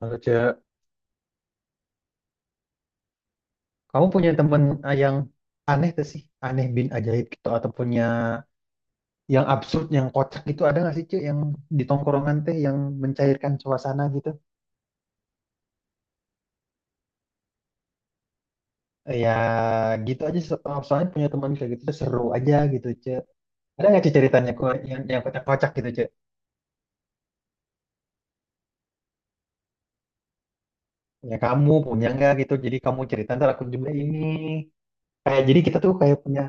Halo, Ce. Kamu punya temen yang aneh tuh sih? Aneh bin ajaib gitu. Atau punya yang absurd, yang kocak gitu. Ada nggak sih, Ce? Yang di tongkrongan teh yang mencairkan suasana gitu? Ya, gitu aja. Oh, Soalnya punya teman kayak gitu tuh seru aja gitu, Ce. Ada nggak sih ceritanya yang kocak-kocak gitu, Ce? Ya, kamu punya nggak gitu? Jadi kamu cerita, ntar aku juga ini. Kayak jadi kita tuh kayak punya...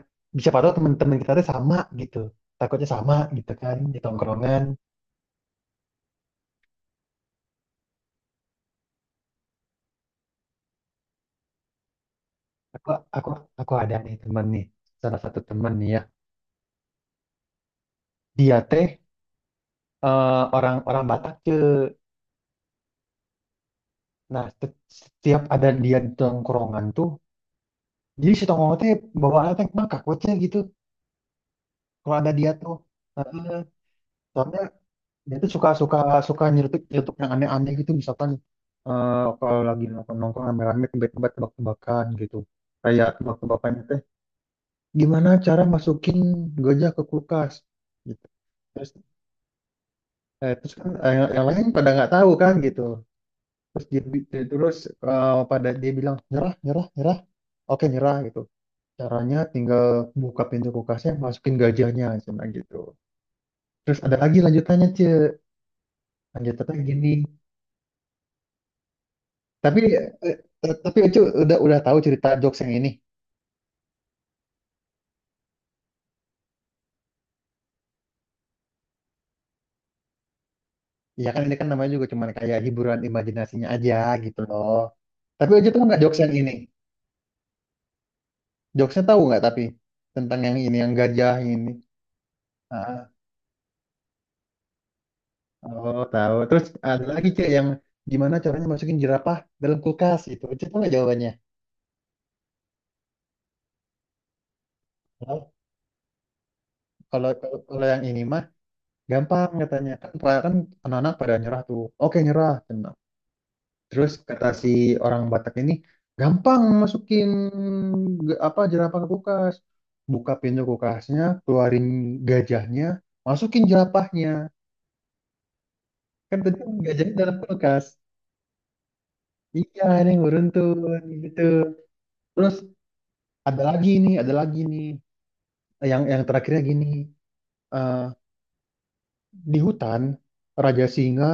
Siapa tahu teman-teman kita tuh sama gitu. Takutnya sama gitu kan di tongkrongan. Aku aku ada nih temen nih, salah satu temen nih ya. Dia teh eh, orang orang Batak ke, nah setiap ada dia di tongkrongan tuh, jadi si tongkrongan teh bawaannya teh mangkak wece gitu. Kalau ada dia tuh, heeh. Soalnya dia tuh suka suka suka nyeletuk nyeletuk yang aneh-aneh gitu, misalkan eh, kalau lagi nongkrong nongkrong rame-rame tiba-tiba tebak-tebakan gitu. Kayak tebak-tebakannya teh, gimana cara masukin gajah ke kulkas? Gitu. Terus, nah terus kan yang lain pada nggak tahu kan gitu. Terus terus pada dia bilang nyerah, nyerah, nyerah. Oke, nyerah gitu. Caranya tinggal buka pintu kulkasnya, masukin gajahnya, cuma gitu. Terus ada lagi lanjutannya, Ce. Lanjutannya gini. Tapi tapi Ucu udah tahu cerita jokes yang ini. Ya kan ini kan namanya juga cuman kayak hiburan imajinasinya aja gitu loh. Tapi Ucu tuh nggak jokes yang ini. Jokesnya tahu nggak tapi tentang yang ini yang gajah ini. Ah. Oh, tahu. Terus ada lagi Cek yang gimana caranya masukin jerapah dalam kulkas gitu. Cek tahu nggak jawabannya? Tahu. Kalau kalau kalau yang ini mah gampang katanya. Kan kan anak-anak pada nyerah tuh. Oke, nyerah. Tenang. Terus kata si orang Batak ini gampang masukin apa jerapah ke kulkas. Buka pintu kulkasnya, keluarin gajahnya, masukin jerapahnya. Kan tadi kan gajahnya dalam kulkas. Iya, ini yang beruntun gitu. Terus ada lagi nih, ada lagi nih, yang terakhirnya gini, eh, di hutan Raja Singa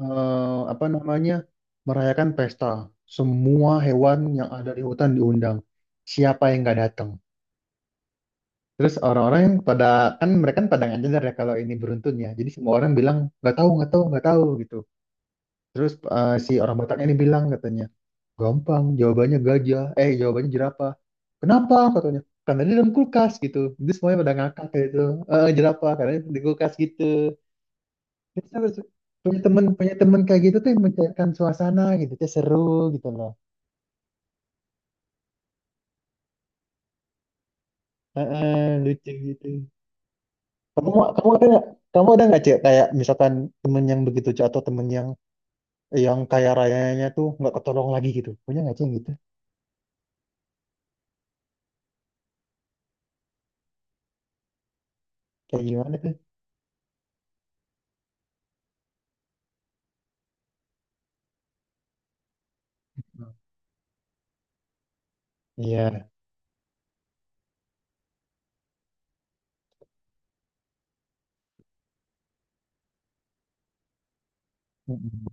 apa namanya merayakan pesta, semua hewan yang ada di hutan diundang, siapa yang nggak datang, terus orang-orang yang pada, kan mereka kan pada nggak nyadar ya kalau ini beruntun ya, jadi semua orang bilang nggak tahu nggak tahu nggak tahu gitu. Terus si orang Bataknya ini bilang katanya gampang jawabannya gajah eh jawabannya jerapah, kenapa katanya, karena dia dalam kulkas gitu. Jadi semuanya pada ngakak kayak gitu. Jerapah karena di kulkas gitu. Terus punya temen kayak gitu tuh yang mencairkan suasana gitu tuh seru gitu loh. Heeh, lucu gitu. Kamu kamu ada nggak kamu ada nggak cek kayak misalkan temen yang begitu Cek, atau temen yang kaya rayanya tuh nggak ketolong lagi gitu, punya nggak cek yang gitu? Kayak gimana tuh? Iya. Mm-mm.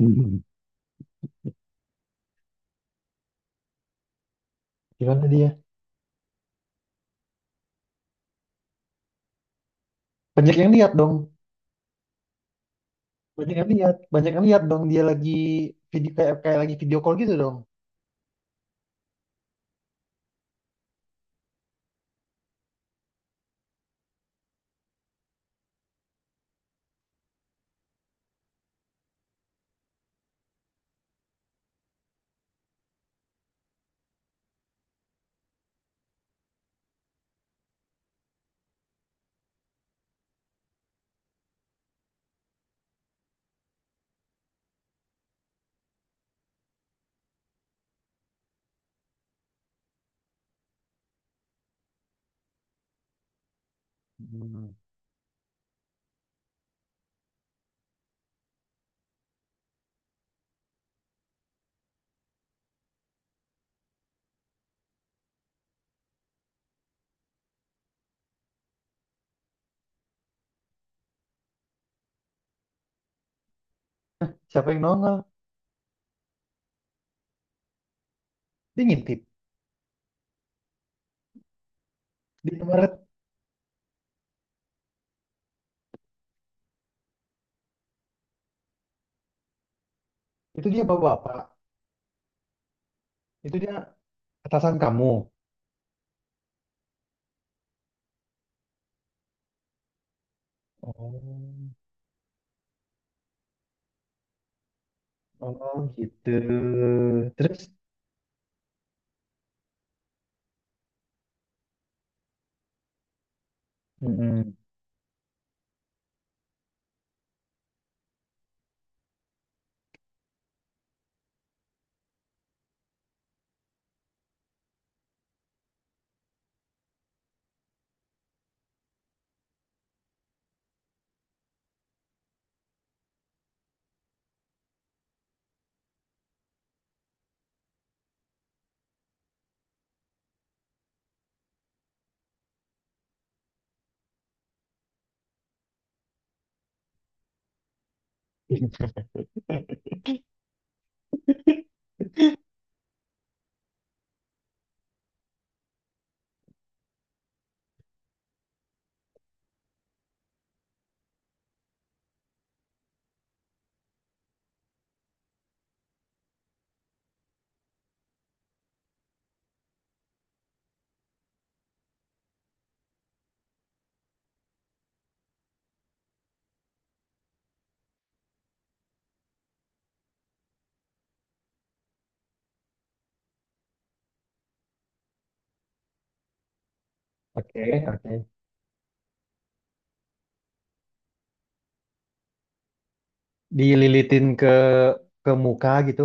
Mm-mm. Gimana dia banyak yang lihat dong, banyak yang lihat dong, dia lagi video kayak kayak lagi video call gitu dong. Mm. Siapa yang nongol, dia ngintip, di Indomaret. Itu dia bawa bapak, itu dia atasan kamu. Oh. Oh gitu. Terus, mm-mm. Oke, oke. Dililitin ke muka gitu.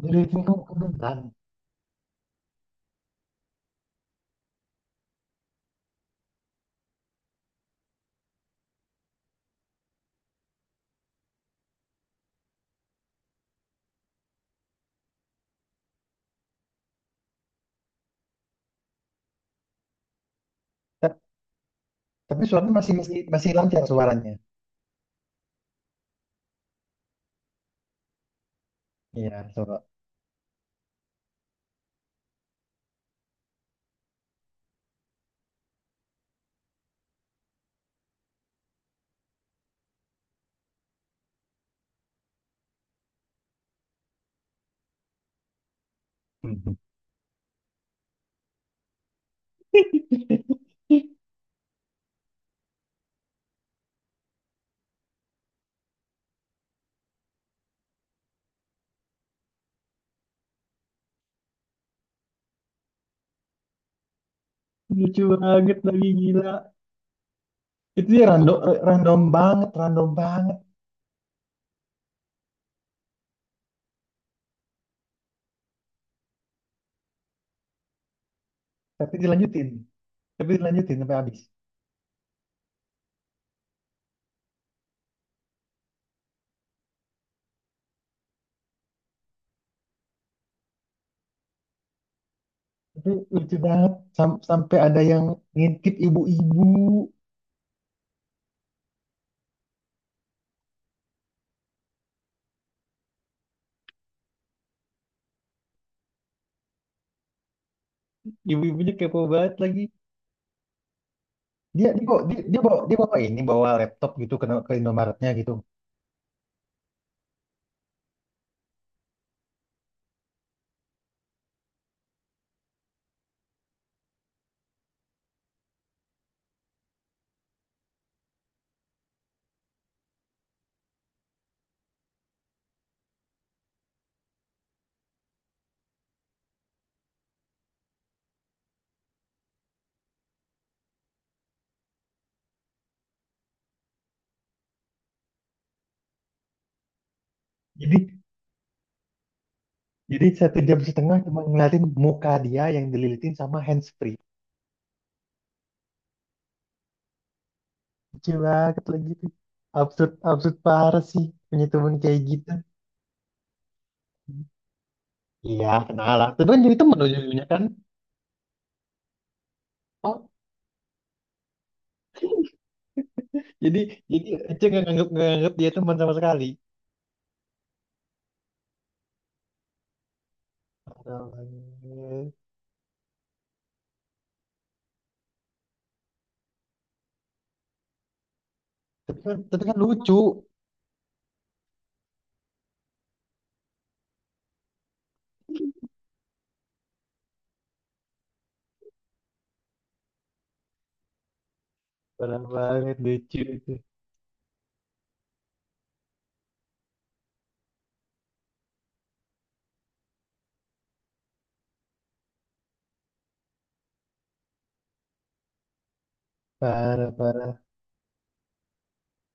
Dililitin ke muka beneran. Ta- Tapi suaranya masih masih masih lancar suaranya. Iya, coba. Mhm. Lucu banget lagi gila. Itu ya random, random banget. Tapi dilanjutin. Tapi dilanjutin sampai habis. Tapi lucu banget. Sampai ada yang ngintip ibu-ibu. Ibu-ibunya kepo banget lagi. Dia bawa ini bawa laptop gitu ke Indomaretnya gitu. jadi jadi satu jam setengah cuma ngeliatin muka dia yang dililitin sama handsfree, lucu banget lagi tuh. Absurd, absurd parah sih, punya temen kayak gitu. Iya kenal lah tapi kan jadi temen ujung-ujungnya kan. Oh jadi jadi Ece nggak nganggep dia teman sama sekali. Parah banget. Tapi kan, tapi kan lucu, parah banget lucu itu. Parah, parah.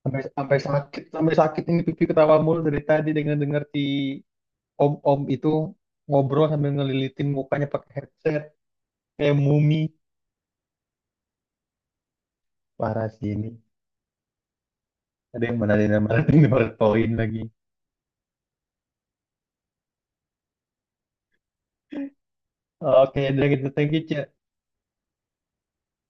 Sampai, sampai sakit ini pipi ketawa mulu dari tadi dengan dengar si om-om itu ngobrol sambil ngelilitin mukanya pakai headset kayak mumi. Parah sih ini. Ada yang mana poin lagi. Oke, udah gitu. Thank you, Ci.